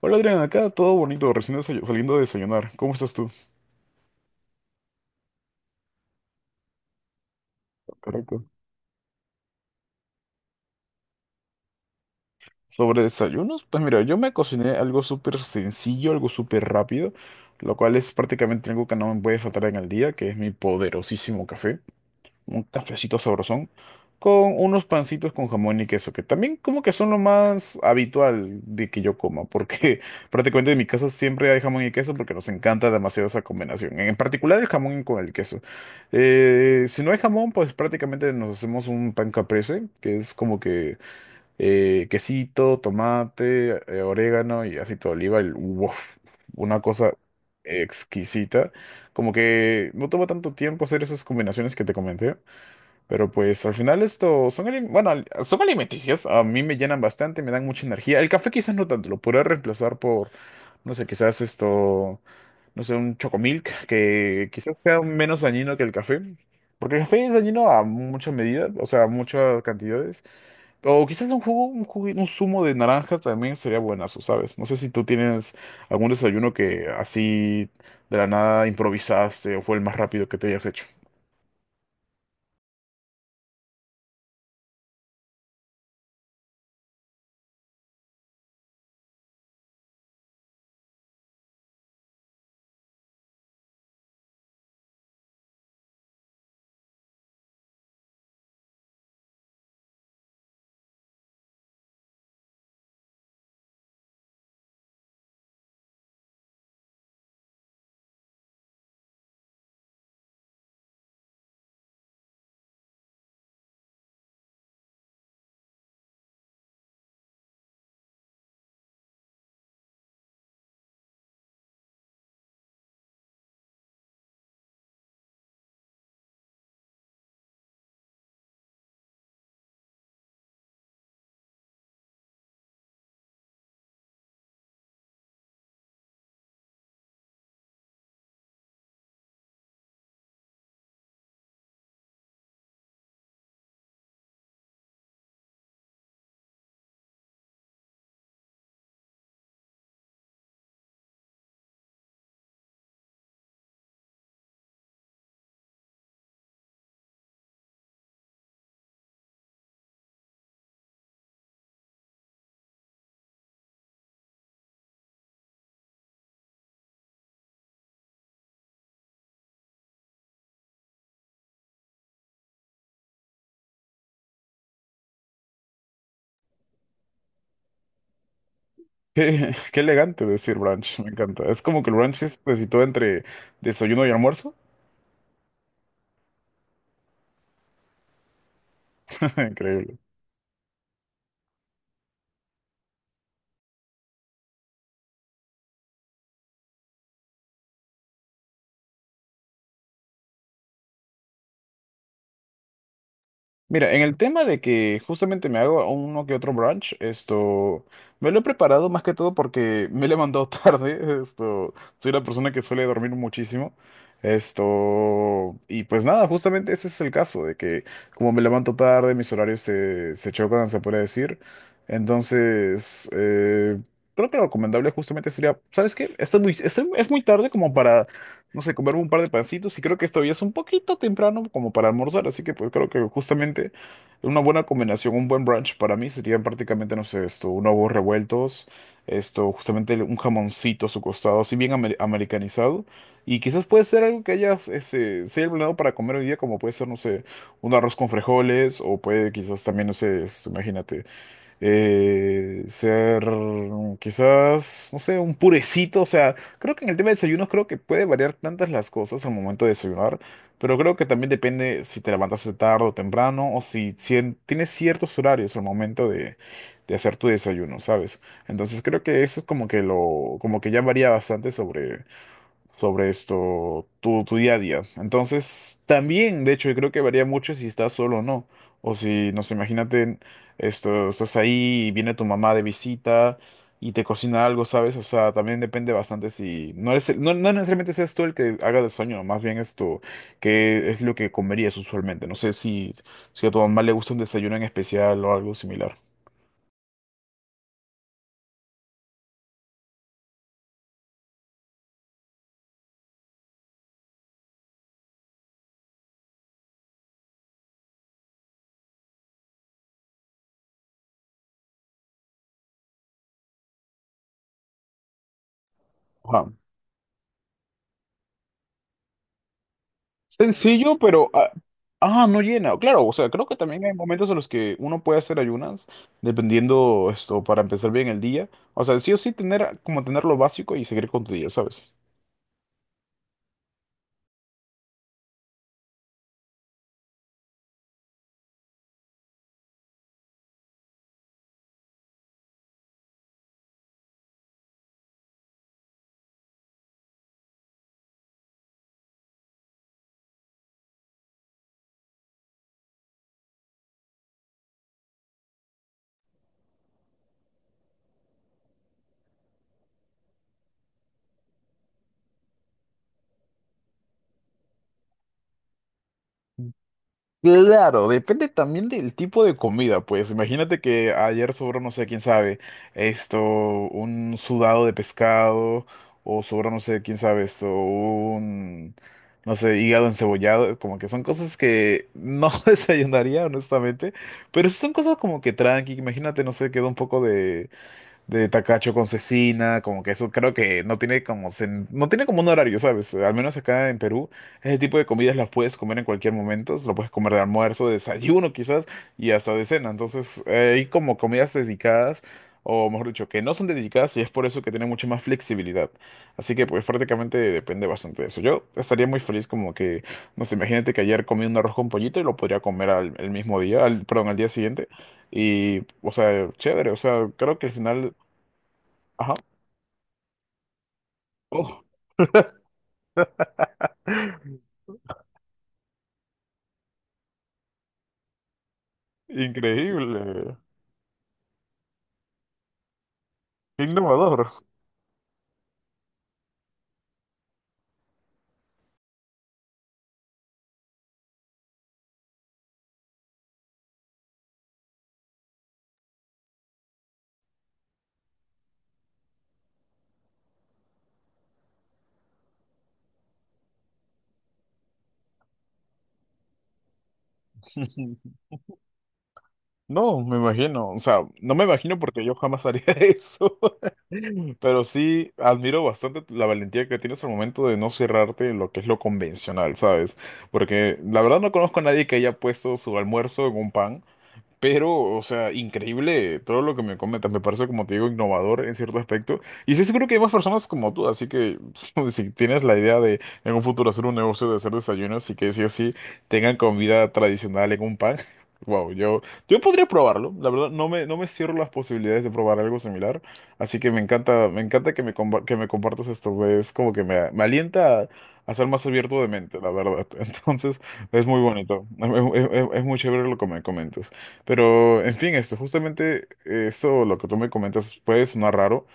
Hola Adrián, acá todo bonito, recién saliendo a desayunar. ¿Cómo estás tú? Correcto. Sobre desayunos, pues mira, yo me cociné algo súper sencillo, algo súper rápido, lo cual es prácticamente algo que no me puede faltar en el día, que es mi poderosísimo café. Un cafecito sabrosón, con unos pancitos con jamón y queso, que también como que son lo más habitual de que yo coma, porque prácticamente en mi casa siempre hay jamón y queso porque nos encanta demasiado esa combinación, en particular el jamón con el queso. Si no hay jamón, pues prácticamente nos hacemos un pan caprese, que es como que quesito, tomate, orégano y aceite de oliva, y, uf, una cosa exquisita. Como que no toma tanto tiempo hacer esas combinaciones que te comenté. Pero pues al final esto son, son alimenticios, a mí me llenan bastante, me dan mucha energía. El café quizás no tanto, lo podría reemplazar por, no sé, quizás esto, no sé, un chocomilk, que quizás sea menos dañino que el café. Porque el café es dañino a mucha medida, o sea, a muchas cantidades. O quizás un jugo, un zumo de naranja también sería buenazo, ¿sabes? No sé si tú tienes algún desayuno que así de la nada improvisaste o fue el más rápido que te hayas hecho. Qué, qué elegante decir brunch, me encanta. Es como que el brunch es, se sitúa entre desayuno y almuerzo. Increíble. Mira, en el tema de que justamente me hago uno que otro brunch, esto, me lo he preparado más que todo porque me he levantado tarde, esto, soy una persona que suele dormir muchísimo, esto, y pues nada, justamente ese es el caso, de que como me levanto tarde, mis horarios se chocan, se puede decir, entonces, creo que lo recomendable justamente sería, ¿sabes qué? Esto es muy, es muy tarde como para no sé, comerme un par de pancitos y creo que esto ya es un poquito temprano como para almorzar, así que pues creo que justamente una buena combinación, un buen brunch para mí serían prácticamente, no sé, esto, unos huevos revueltos, esto, justamente un jamoncito a su costado, así bien americanizado, y quizás puede ser algo que haya, ese, se haya planeado para comer hoy día, como puede ser, no sé, un arroz con frijoles, o puede quizás también, no sé, imagínate ser quizás, no sé, un purecito. O sea, creo que en el tema de desayunos creo que puede variar tantas las cosas al momento de desayunar, pero creo que también depende si te levantaste tarde o temprano o si, tienes ciertos horarios al momento de hacer tu desayuno, ¿sabes? Entonces creo que eso es como que lo, como que ya varía bastante sobre sobre esto, tu día a día. Entonces, también, de hecho, yo creo que varía mucho si estás solo o no. O si, no sé, imagínate, esto, estás ahí y viene tu mamá de visita y te cocina algo, ¿sabes? O sea, también depende bastante si no es, no necesariamente seas tú el que haga el sueño, más bien esto, que es lo que comerías usualmente. No sé si, si a tu mamá le gusta un desayuno en especial o algo similar. Ajá. Sencillo, pero... no llena. Claro, o sea, creo que también hay momentos en los que uno puede hacer ayunas, dependiendo esto, para empezar bien el día. O sea, sí o sí tener como tener lo básico y seguir con tu día, ¿sabes? Claro, depende también del tipo de comida, pues imagínate que ayer sobró, no sé, quién sabe, esto, un sudado de pescado, o sobró, no sé, quién sabe, esto, un, no sé, hígado encebollado, como que son cosas que no desayunaría, honestamente, pero sí son cosas como que tranqui, imagínate, no sé, quedó un poco de Takacho con Cecina, como que eso creo que no tiene como no tiene como un horario, ¿sabes? Al menos acá en Perú, ese tipo de comidas las puedes comer en cualquier momento, lo puedes comer de almuerzo, de desayuno quizás y hasta de cena. Entonces, hay como comidas dedicadas o mejor dicho, que no son dedicadas y es por eso que tiene mucha más flexibilidad. Así que pues prácticamente depende bastante de eso. Yo estaría muy feliz como que, no sé, imagínate que ayer comí un arroz con pollito y lo podría comer al, el mismo día, al, perdón, al día siguiente. Y, o sea, chévere, o sea, creo que al final Ajá. Oh, increíble. Qué innovador. No, me imagino. O sea, no me imagino porque yo jamás haría eso. Pero sí admiro bastante la valentía que tienes al momento de no cerrarte en lo que es lo convencional, ¿sabes? Porque la verdad no conozco a nadie que haya puesto su almuerzo en un pan. Pero, o sea, increíble todo lo que me comentas. Me parece, como te digo, innovador en cierto aspecto. Y estoy seguro que hay más personas como tú. Así que, si tienes la idea de en un futuro hacer un negocio de hacer desayunos y que sí o sí tengan comida tradicional en un pan, wow, yo podría probarlo. La verdad, no me cierro las posibilidades de probar algo similar. Así que me encanta que me, que me compartas esto. Es como que me alienta a ser más abierto de mente, la verdad. Entonces, es muy bonito. Es muy chévere lo que me comentas. Pero, en fin, esto, justamente eso, lo que tú me comentas, puede sonar raro,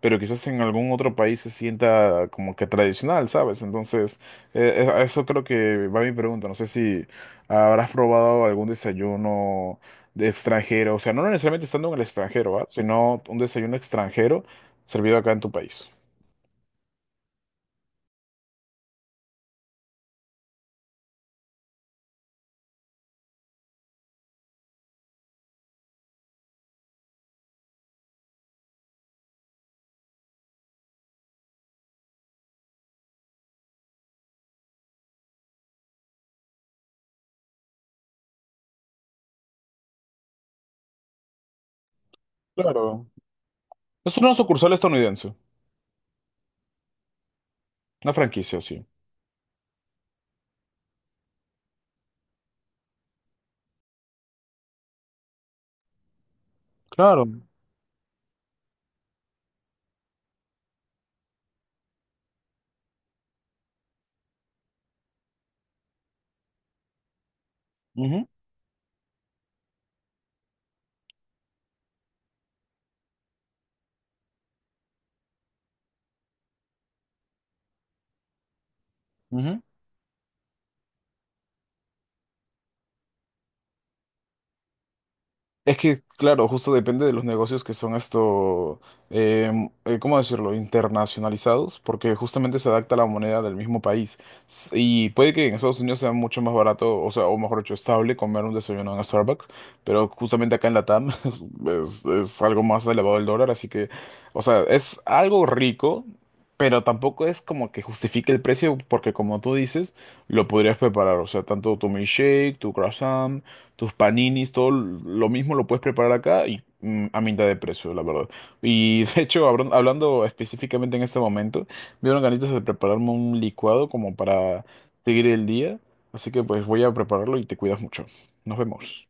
pero quizás en algún otro país se sienta como que tradicional, ¿sabes? Entonces, a eso creo que va mi pregunta. No sé si habrás probado algún desayuno de extranjero, o sea, no necesariamente estando en el extranjero, ¿va? Sino un desayuno extranjero servido acá en tu país. Claro. Es una sucursal estadounidense, una franquicia, sí. Claro. Ujú, ujú. Es que, claro, justo depende de los negocios que son esto, ¿cómo decirlo?, internacionalizados, porque justamente se adapta a la moneda del mismo país. S- Y puede que en Estados Unidos sea mucho más barato, o sea, o mejor dicho, estable comer un desayuno en Starbucks, pero justamente acá en Latam es algo más elevado el dólar, así que, o sea, es algo rico, pero tampoco es como que justifique el precio, porque como tú dices, lo podrías preparar, o sea, tanto tu milkshake, tu croissant tus paninis, todo lo mismo lo puedes preparar acá y a mitad de precio, la verdad. Y de hecho, hablando específicamente en este momento, me dieron ganitas de prepararme un licuado como para seguir el día. Así que pues voy a prepararlo y te cuidas mucho. Nos vemos.